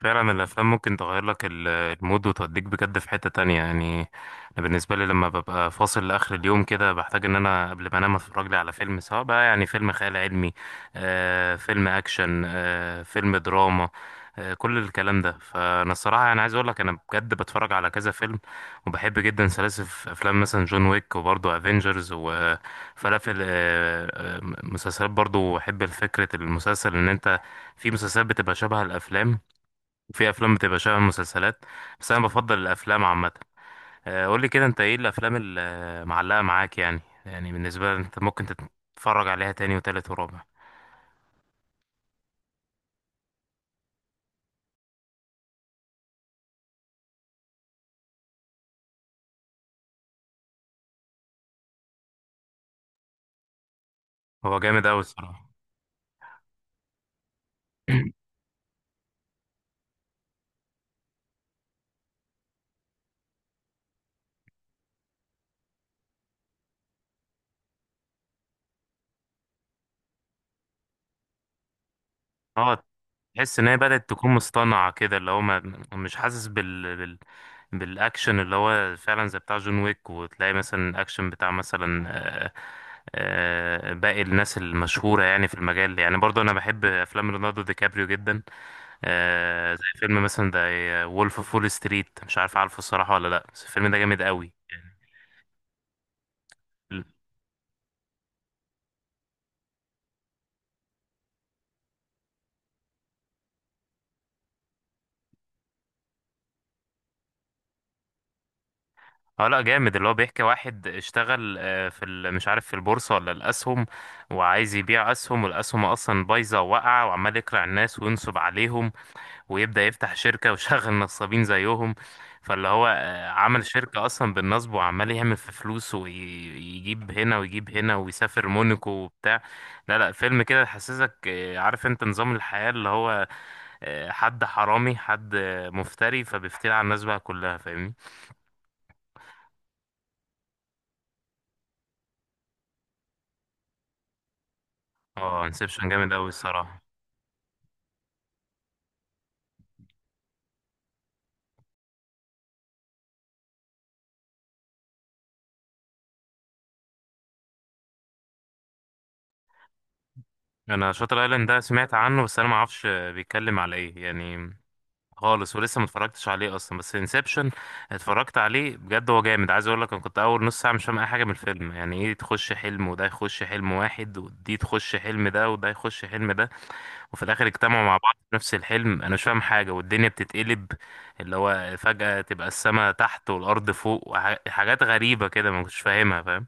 فعلا الافلام ممكن تغير لك المود وتوديك بجد في حتة تانية يعني. انا بالنسبة لي لما ببقى فاصل لاخر اليوم كده بحتاج ان انا قبل ما انام اتفرج لي على فيلم، سواء بقى يعني فيلم خيال علمي، فيلم اكشن، فيلم دراما، كل الكلام ده. فانا الصراحة يعني عايز اقول لك انا بجد بتفرج على كذا فيلم، وبحب جدا سلاسل في افلام، مثلا جون ويك، وبرضه افنجرز وفلافل مسلسلات برضه، بحب فكرة المسلسل ان انت في مسلسلات بتبقى شبه الافلام، في افلام بتبقى شبه المسلسلات، بس انا بفضل الافلام عامه. قول لي كده، انت ايه الافلام اللي معلقه معاك يعني، يعني بالنسبه لك انت ممكن تتفرج عليها تاني وتالت ورابع؟ هو جامد قوي الصراحه. اه، تحس ان هي بدات تكون مصطنعه كده، اللي هو ما مش حاسس بالاكشن اللي هو فعلا زي بتاع جون ويك، وتلاقي مثلا الاكشن بتاع مثلا، آه، باقي الناس المشهوره يعني في المجال. يعني برضه انا بحب افلام ليوناردو دي كابريو جدا، زي فيلم مثلا ده وولف اوف وول ستريت، مش عارف عارفه الصراحة ولا لا، بس الفيلم ده جامد قوي يعني. اه لا جامد، اللي هو بيحكي واحد اشتغل، مش عارف في البورصة ولا الأسهم، وعايز يبيع أسهم والأسهم أصلا بايظة وواقعة، وعمال يقرع الناس وينصب عليهم، ويبدأ يفتح شركة ويشغل نصابين زيهم. فاللي هو عمل شركة أصلا بالنصب، وعمال يعمل في فلوس ويجيب هنا ويجيب هنا ويسافر مونيكو وبتاع. لا لا، فيلم كده يحسسك عارف انت نظام الحياة، اللي هو حد حرامي، حد مفتري، فبيفتري على الناس بقى كلها، فاهمني. اه انسبشن جامد أوي الصراحة. انا شاطر ايلاند ده سمعت عنه، بس انا ما اعرفش بيتكلم على ايه يعني، خالص، ولسه ما اتفرجتش عليه اصلا. بس انسبشن اتفرجت عليه بجد، هو جامد. عايز اقول لك انا كنت اول نص ساعه مش فاهم اي حاجه من الفيلم، يعني ايه تخش حلم وده يخش حلم واحد ودي تخش حلم ده وده يخش حلم ده، وفي الاخر اجتمعوا مع بعض في نفس الحلم، انا مش فاهم حاجه، والدنيا بتتقلب، اللي هو فجاه تبقى السماء تحت والارض فوق، حاجات غريبه كده ما كنتش فاهمها، فاهم.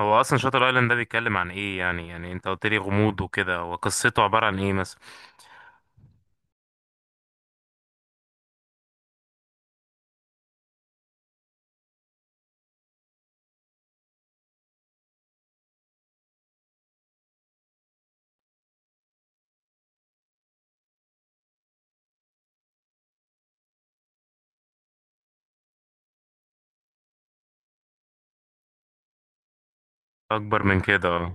هو اصلا شاتر ايلاند ده بيتكلم عن ايه يعني؟ يعني انت قلت لي غموض وكده، وقصته عباره عن ايه مثلا؟ اكبر من كده.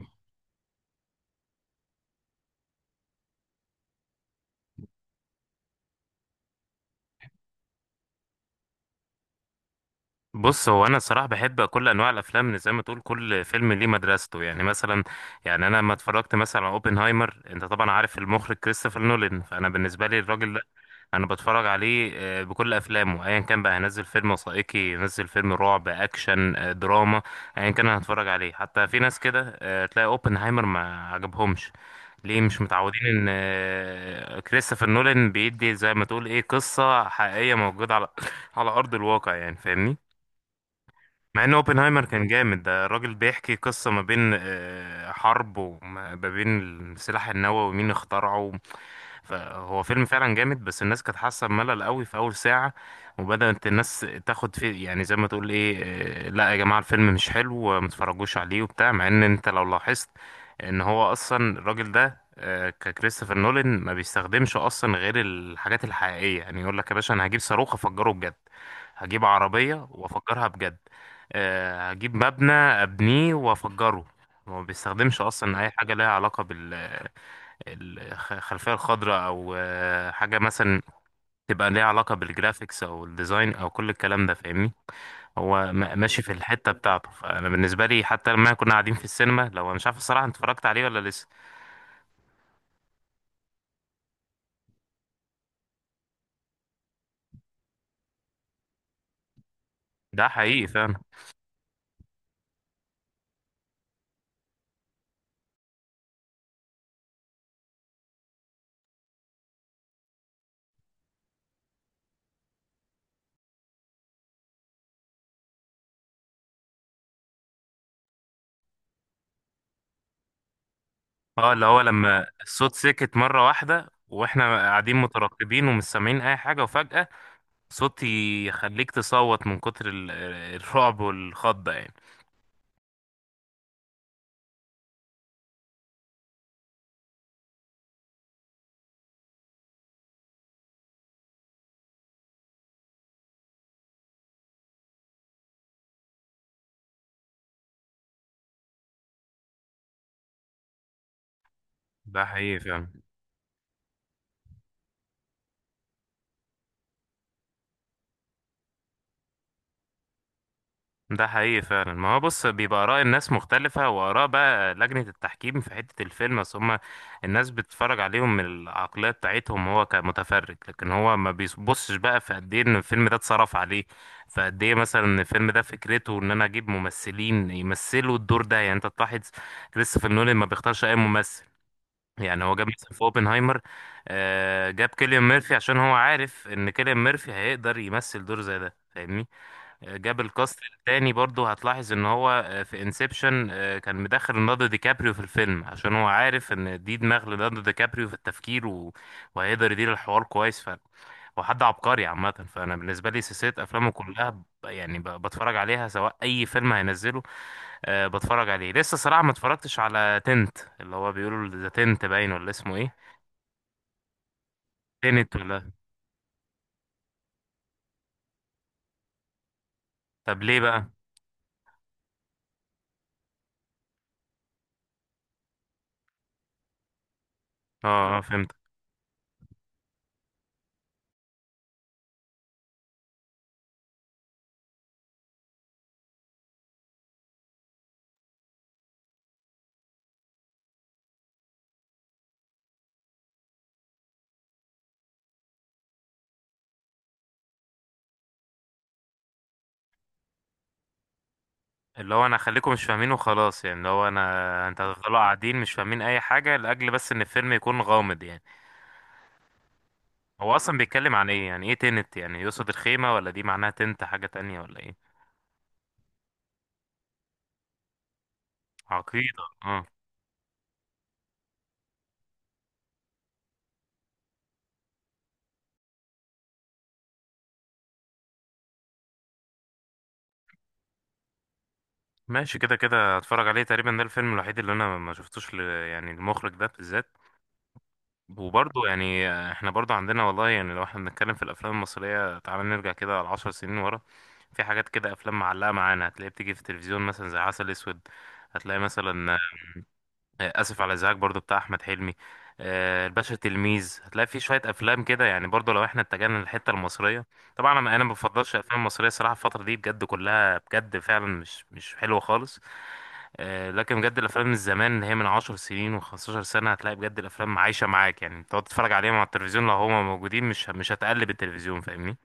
بص، هو انا الصراحه بحب كل انواع الافلام، إن زي ما تقول كل فيلم ليه مدرسته. يعني مثلا، يعني انا لما اتفرجت مثلا على اوبنهايمر، انت طبعا عارف المخرج كريستوفر نولان، فانا بالنسبه لي الراجل ده انا بتفرج عليه بكل افلامه ايا كان، بقى هنزل فيلم وثائقي، ينزل فيلم رعب، اكشن، دراما، ايا كان انا هتفرج عليه. حتى في ناس كده تلاقي اوبنهايمر ما عجبهمش، ليه؟ مش متعودين ان كريستوفر نولان بيدي زي ما تقول ايه، قصه حقيقيه موجوده على على ارض الواقع يعني، فاهمني. مع ان اوبنهايمر كان جامد، ده الراجل بيحكي قصة ما بين حرب، وما ما بين السلاح النووي ومين اخترعه. فهو فيلم فعلا جامد، بس الناس كانت حاسة بملل قوي في اول ساعة، وبدأت الناس تاخد فيه، يعني زي ما تقول ايه لا يا جماعة الفيلم مش حلو، ما تتفرجوش عليه وبتاع. مع ان انت لو لاحظت ان هو اصلا الراجل ده ككريستوفر نولان ما بيستخدمش اصلا غير الحاجات الحقيقية، يعني يقول لك يا باشا انا هجيب صاروخ افجره بجد، هجيب عربية وافجرها بجد، هجيب مبنى ابنيه وافجره. هو ما بيستخدمش اصلا اي حاجه لها علاقه بالخلفيه الخضراء، او حاجه مثلا تبقى ليها علاقه بالجرافيكس او الديزاين او كل الكلام ده، فاهمني. هو ماشي في الحته بتاعته، فانا بالنسبه لي حتى لما كنا قاعدين في السينما، لو انا مش عارف الصراحه انت اتفرجت عليه ولا لسه. ده حقيقي فعلا. اه، اللي هو لما الصوت سكت مره واحده، واحنا قاعدين مترقبين ومش سامعين اي حاجه، وفجاه صوتي يخليك تصوت من كتر الرعب والخضة يعني. ده حقيقي فعلا. ده حقيقي فعلا، ما هو بص بيبقى آراء الناس مختلفة، وآراء بقى لجنة التحكيم في حتة الفيلم. بس هما الناس بتتفرج عليهم من العقلية بتاعتهم هو كمتفرج، لكن هو ما بيبصش بقى في قد ايه ان الفيلم ده اتصرف عليه، فقد ايه مثلا ان الفيلم ده فكرته ان انا اجيب ممثلين يمثلوا الدور ده. يعني انت تلاحظ كريستوفر نولان ما بيختارش اي ممثل، يعني هو جاب مثلا في اوبنهايمر جاب كيليان ميرفي عشان هو عارف ان كيليان ميرفي هيقدر يمثل دور زي ده، فاهمني. جاب الكاست التاني برضو، هتلاحظ ان هو في انسبشن كان مدخل ليوناردو دي كابريو في الفيلم، عشان هو عارف ان دي دماغ ليوناردو دي كابريو في التفكير و... وهيقدر يدير الحوار كويس. ف هو حد عبقري عامة، فأنا بالنسبة لي سلسلة أفلامه كلها بتفرج عليها سواء أي فيلم هينزله. أه بتفرج عليه. لسه صراحة ما اتفرجتش على تنت، اللي هو بيقولوا ذا تنت، باين ولا اسمه ايه، تنت ولا؟ طب ليه بقى؟ اه اه فهمت. اللي هو انا خليكم مش فاهمين وخلاص يعني، اللي هو انا انت هتفضلوا قاعدين مش فاهمين اي حاجة لاجل بس ان الفيلم يكون غامض يعني. هو اصلا بيتكلم عن ايه؟ يعني ايه تنت؟ يعني يقصد الخيمة، ولا دي معناها تنت حاجة تانية ولا ايه؟ عقيدة اه. ماشي، كده كده هتفرج عليه تقريبا، ده الفيلم الوحيد اللي انا ما شفتوش يعني المخرج ده بالذات. وبرضه يعني احنا برضه عندنا والله، يعني لو احنا بنتكلم في الافلام المصريه، تعالى نرجع كده على 10 سنين ورا، في حاجات كده افلام معلقه معانا، هتلاقيها بتيجي في التلفزيون مثلا زي عسل اسود، هتلاقي مثلا اسف على الازعاج برضه بتاع احمد حلمي، الباشا تلميذ، هتلاقي في شويه افلام كده يعني، برضه لو احنا اتجهنا للحته المصريه. طبعا انا ما بفضلش الافلام المصريه صراحه، الفتره دي بجد كلها بجد فعلا مش حلوه خالص. لكن بجد الافلام من زمان، اللي هي من عشر سنين وخمستاشر سنه، هتلاقي بجد الافلام عايشه معاك، يعني تقعد تتفرج عليهم على التلفزيون لو هما موجودين، مش هتقلب التلفزيون، فاهمني.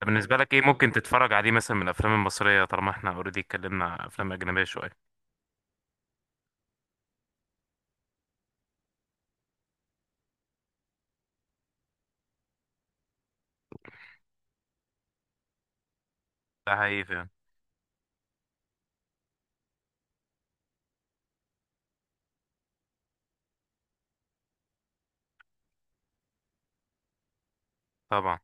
طب بالنسبه لك ايه ممكن تتفرج عليه مثلا من الافلام المصريه، طالما احنا اوريدي اتكلمنا عن افلام اجنبيه شويه؟ ده حقيقي فعلا. طبعا.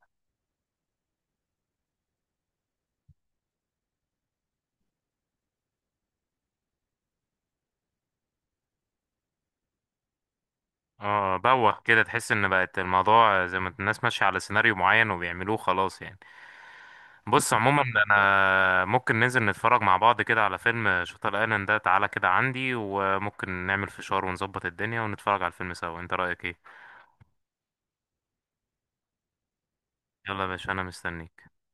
اه بوخ كده، تحس ان بقت الموضوع زي ما الناس ماشيه على سيناريو معين وبيعملوه خلاص يعني. بص عموما انا ممكن ننزل نتفرج مع بعض كده على فيلم شطر ايلاند ده، تعالى كده عندي، وممكن نعمل فشار ونظبط الدنيا ونتفرج على الفيلم سوا، انت رأيك ايه؟ يلا يا باشا انا مستنيك.